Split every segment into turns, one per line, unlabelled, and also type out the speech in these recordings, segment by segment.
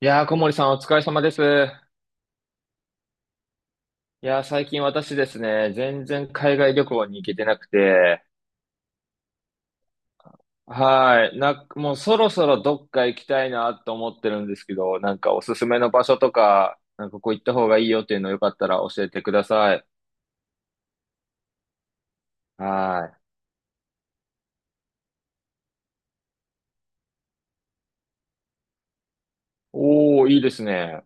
いやー、小森さんお疲れ様です。いやー、最近私ですね、全然海外旅行に行けてなくて、はい、もうそろそろどっか行きたいなと思ってるんですけど、なんかおすすめの場所とか、なんかここ行った方がいいよっていうのよかったら教えてください。はい。おー、いいですね。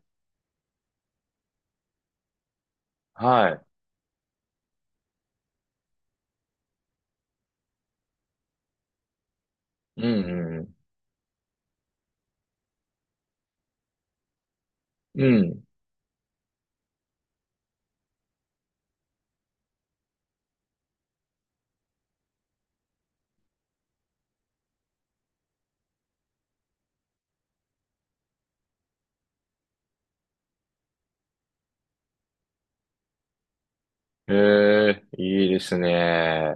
はい。うん、うん。うん。えー、いいですね。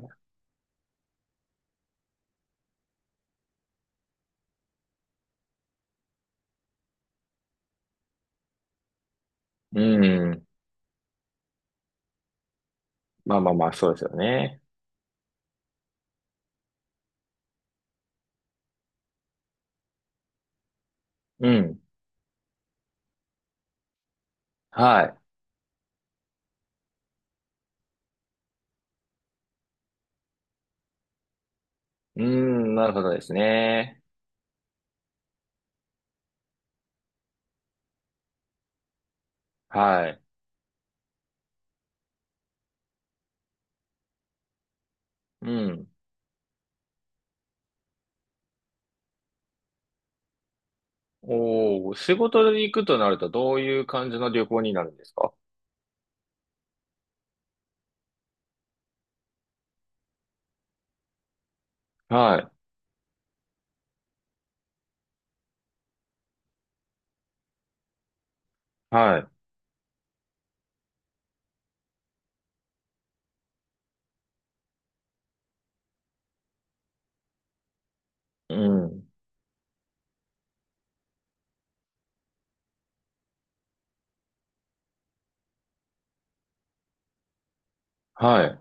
うん。まあまあまあ、そうですよね。うん。はい。うん、なるほどですね。はい。うん。おお、仕事で行くとなるとどういう感じの旅行になるんですか？はい、はい、うん、はい、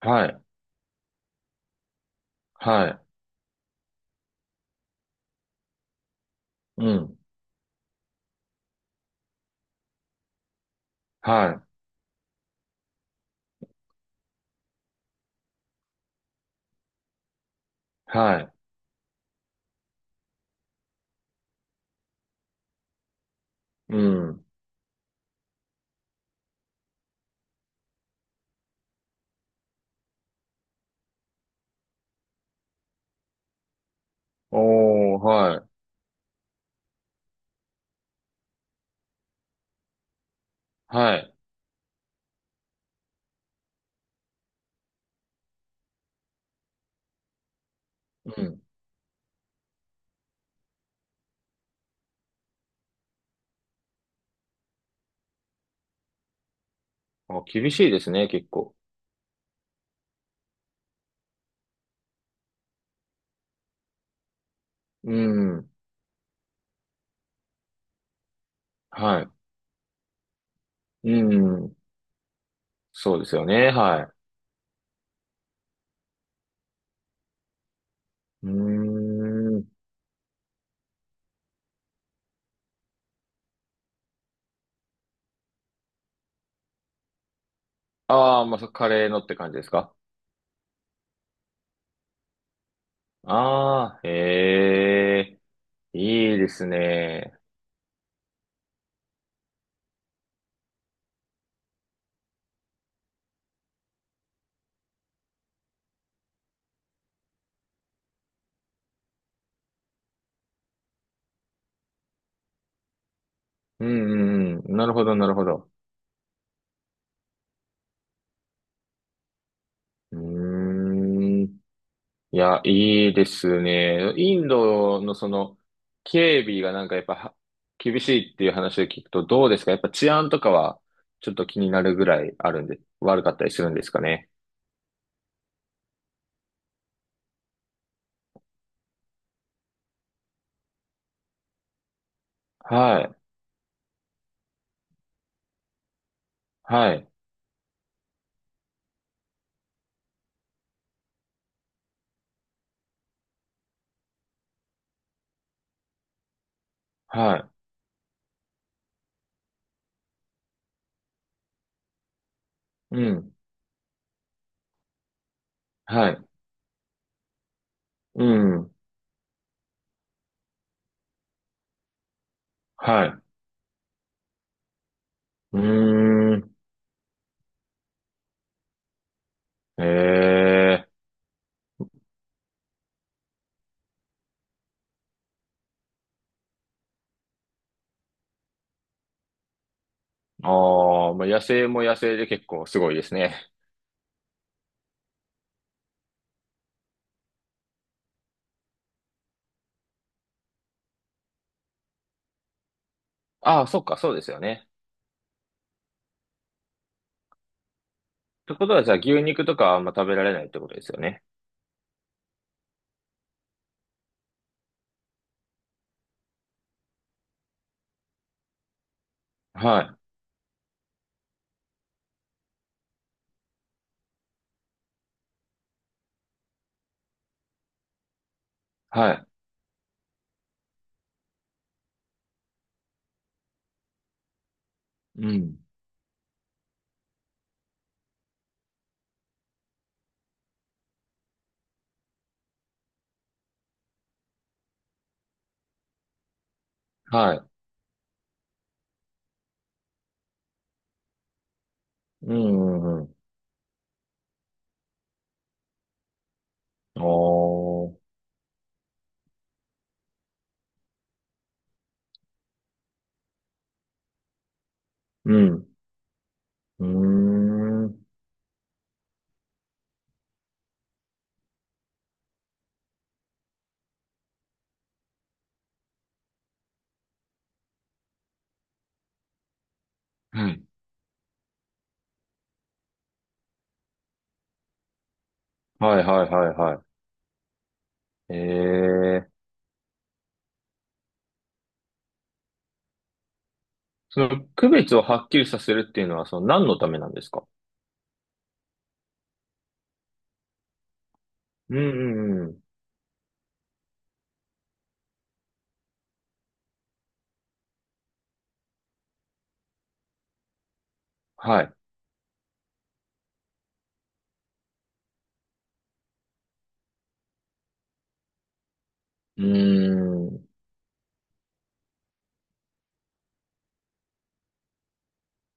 はい、はい、うん、はい、はい、うん。おー、はい、はい、うん。あ、厳しいですね、結構。うん、はい、うん。そうですよね、はい。うーん。ああ、まあ、カレーのって感じですか？ああー、へえ、いいですね。うん、うん、うん。なるほど、なるほど。うーん。いや、いいですね。インドのその、警備がなんかやっぱは厳しいっていう話を聞くとどうですか？やっぱ治安とかはちょっと気になるぐらいあるんで、悪かったりするんですかね？はい、はい、はい、うん、はい、うん、はい、うーん、ええ。ああ、まあ、野生も野生で結構すごいですね。ああ、そっか、そうですよね。ってことはじゃあ牛肉とかはあんま食べられないってことですよね。はい。はい。うん。はい。うん、うん、うん。あー、うん。うーん。はい。はい、はい、はい、はい。ええ。その区別をはっきりさせるっていうのは、その何のためなんですか？うん、うん、うん。はい。うーん。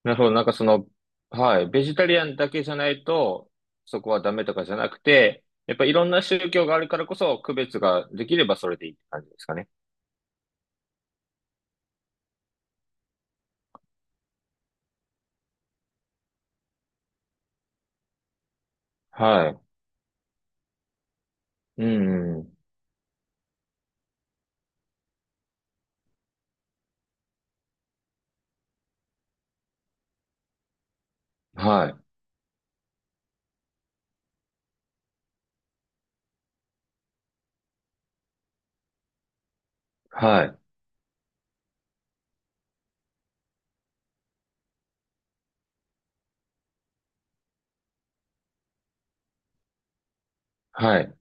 なるほど。なんかその、はい。ベジタリアンだけじゃないと、そこはダメとかじゃなくて、やっぱいろんな宗教があるからこそ、区別ができればそれでいいって感じですかね？はい。うん、うん。はい。はい。はい。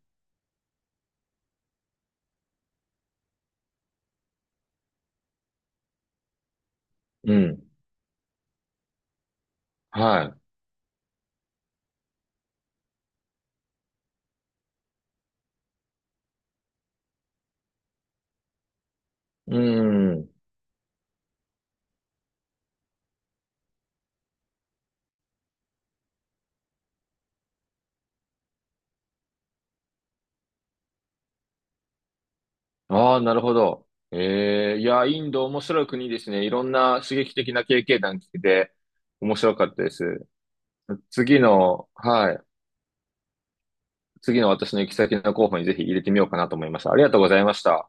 うん。はい。うん。ああ、なるほど。ええ、いや、インド面白い国ですね。いろんな刺激的な経験談聞けて面白かったです。はい。次の私の行き先の候補にぜひ入れてみようかなと思いました。ありがとうございました。